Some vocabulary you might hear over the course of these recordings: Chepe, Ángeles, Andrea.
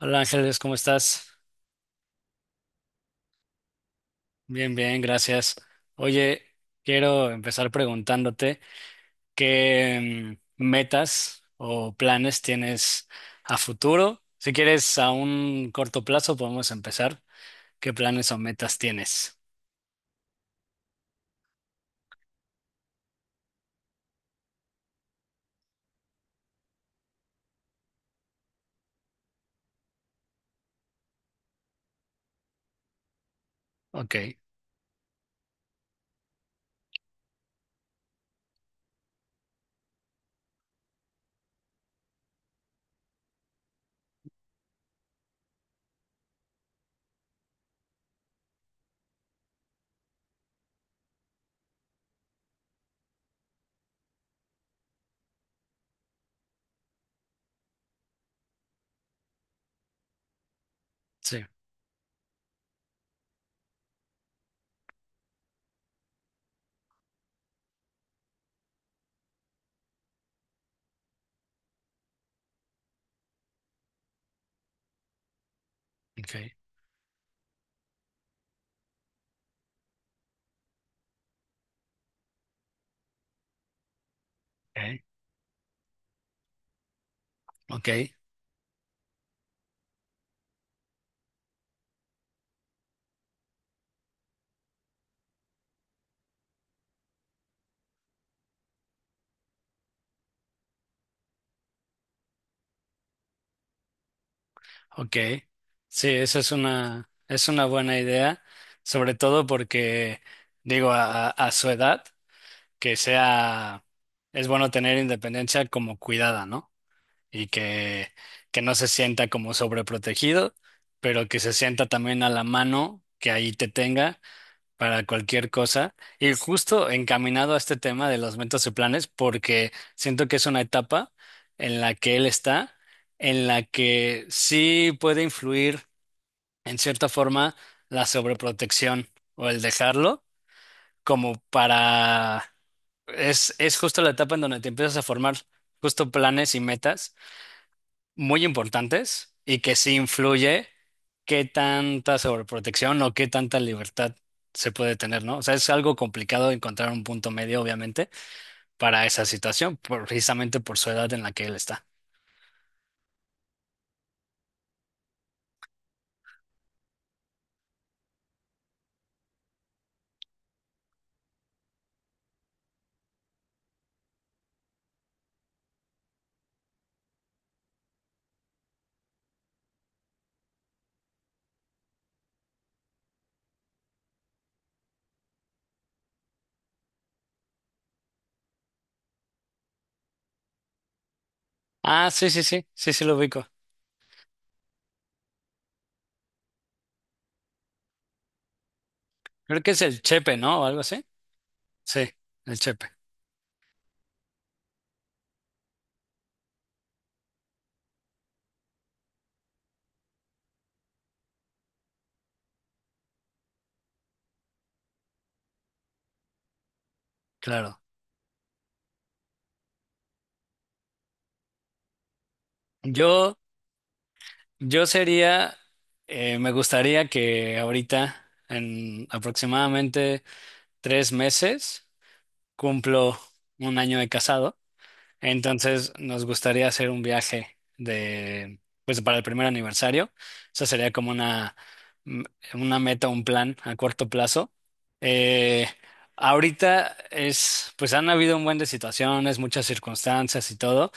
Hola Ángeles, ¿cómo estás? Bien, bien, gracias. Oye, quiero empezar preguntándote qué metas o planes tienes a futuro. Si quieres a un corto plazo, podemos empezar. ¿Qué planes o metas tienes? Ok, sí, ok, ok, ok. Ok. Sí, esa es una buena idea, sobre todo porque, digo, a su edad. Que sea, es bueno tener independencia como cuidada, ¿no? Y que no se sienta como sobreprotegido, pero que se sienta también a la mano, que ahí te tenga para cualquier cosa. Y justo encaminado a este tema de los metas y planes, porque siento que es una etapa en la que él está, en la que sí puede influir en cierta forma la sobreprotección o el dejarlo como para... es justo la etapa en donde te empiezas a formar justo planes y metas muy importantes y que sí influye qué tanta sobreprotección o qué tanta libertad se puede tener, ¿no? O sea, es algo complicado encontrar un punto medio, obviamente, para esa situación, precisamente por su edad en la que él está. Ah, sí, sí, sí, sí, sí lo ubico. Creo que es el Chepe, ¿no? O algo así. Sí, el Chepe, claro. Yo, yo sería, me gustaría que ahorita, en aproximadamente tres meses, cumplo un año de casado. Entonces, nos gustaría hacer un viaje de, pues, para el primer aniversario. Esa sería como una, m- una meta, un plan a corto plazo. Eh, ahorita es, pues, han habido un buen de situaciones, muchas circunstancias y todo,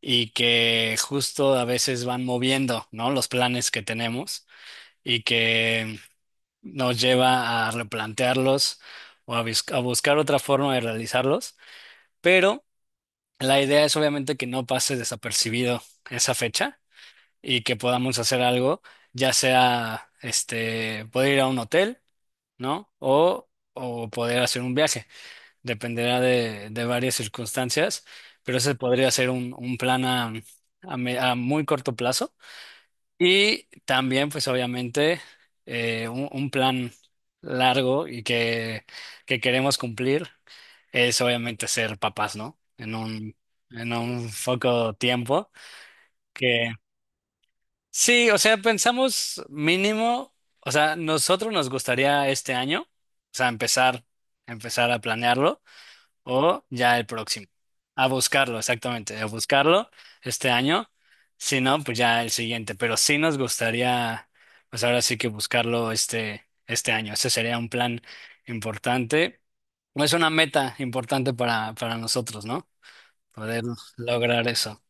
y que justo a veces van moviendo, ¿no? Los planes que tenemos y que nos lleva a replantearlos o a, a buscar otra forma de realizarlos. Pero la idea es obviamente que no pase desapercibido esa fecha y que podamos hacer algo, ya sea, este, poder ir a un hotel, ¿no? O poder hacer un viaje. Dependerá de varias circunstancias, pero ese podría ser un plan a a muy corto plazo. Y también, pues obviamente, un plan largo y que queremos cumplir es obviamente ser papás, ¿no? En un poco tiempo. Que sí, o sea, pensamos mínimo, o sea, nosotros nos gustaría este año, o sea, empezar, empezar a planearlo o ya el próximo. A buscarlo, exactamente, a buscarlo este año. Si no, pues ya el siguiente. Pero sí nos gustaría, pues ahora sí que buscarlo este, este año. Ese sería un plan importante. No, es una meta importante para nosotros, ¿no? Poder lograr eso.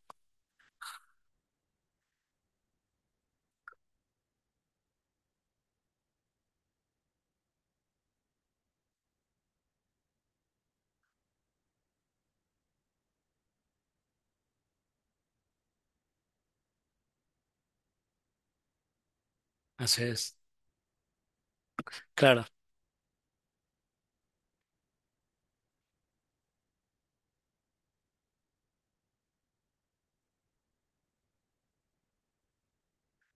Así es. Claro.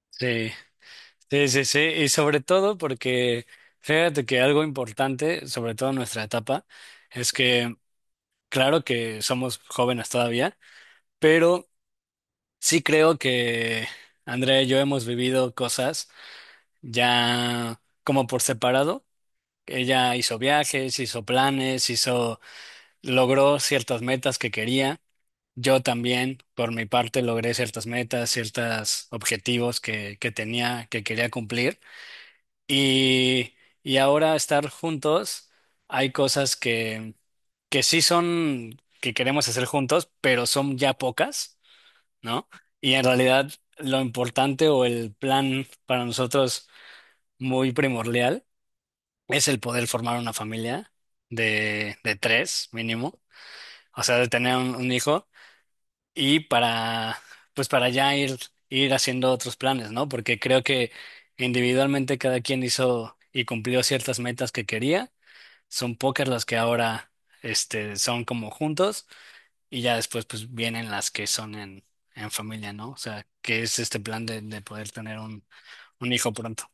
Sí, sí, sí, sí. Y sobre todo porque fíjate que algo importante, sobre todo en nuestra etapa, es que claro que somos jóvenes todavía, pero sí creo que Andrea y yo hemos vivido cosas ya como por separado. Ella hizo viajes, hizo planes, hizo, logró ciertas metas que quería. Yo también, por mi parte, logré ciertas metas, ciertos objetivos que tenía, que quería cumplir. Y, y ahora estar juntos, hay cosas que sí son, que queremos hacer juntos, pero son ya pocas, ¿no? Y en realidad lo importante o el plan para nosotros muy primordial es el poder formar una familia de tres mínimo, o sea, de tener un hijo y para, pues para ya ir, ir haciendo otros planes, ¿no? Porque creo que individualmente cada quien hizo y cumplió ciertas metas que quería, son pocas las que ahora, este, son como juntos. Y ya después, pues vienen las que son en familia, ¿no? O sea, que es este plan de poder tener un hijo pronto.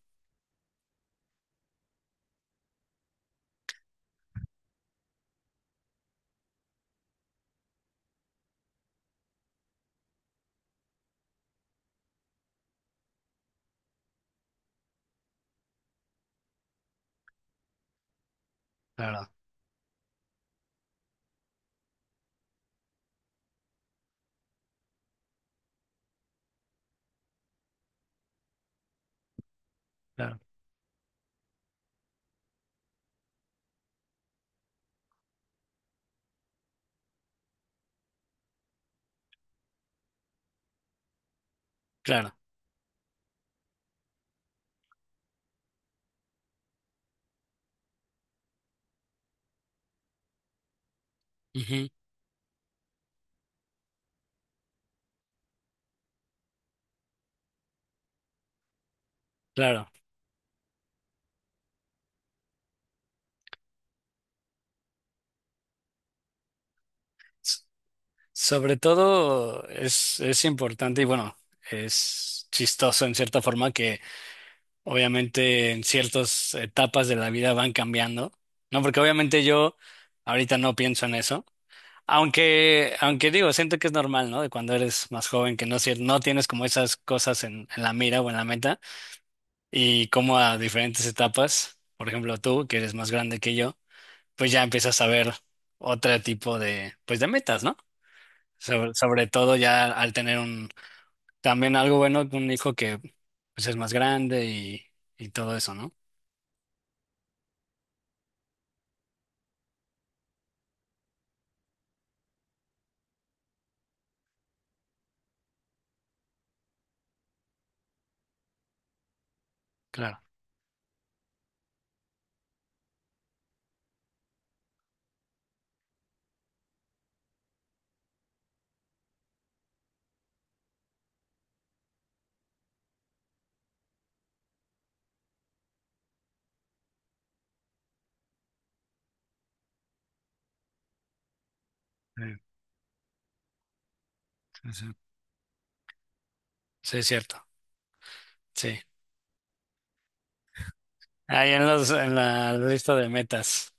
Claro, claro, claro. Ujú, claro. S- Sobre todo es importante y bueno, es chistoso en cierta forma que obviamente en ciertas etapas de la vida van cambiando, ¿no? Porque obviamente yo ahorita no pienso en eso. Aunque, aunque digo, siento que es normal, ¿no? De cuando eres más joven, que no, es no tienes como esas cosas en la mira o en la meta. Y cómo a diferentes etapas, por ejemplo tú, que eres más grande que yo, pues ya empiezas a ver otro tipo de, pues de metas, ¿no? Sobre, sobre todo ya al tener un, también algo bueno, un hijo que pues es más grande y todo eso, ¿no? Claro. Sí, sí, sí. Sí, es cierto. Sí. Ahí en los, en la lista de metas.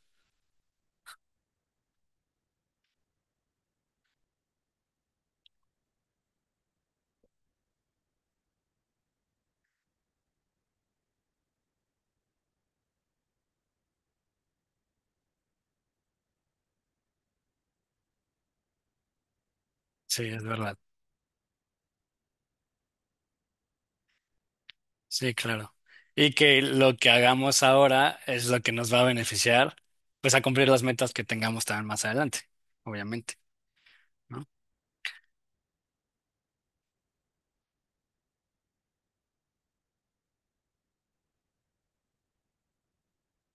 Sí, es verdad. Sí, claro. Y que lo que hagamos ahora es lo que nos va a beneficiar, pues a cumplir las metas que tengamos también más adelante, obviamente, ¿no?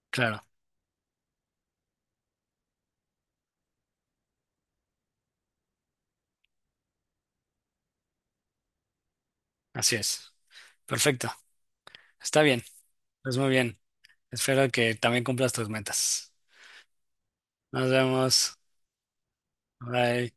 Claro, así es. Perfecto. Está bien. Pues muy bien. Espero que también cumplas tus metas. Nos vemos. Bye.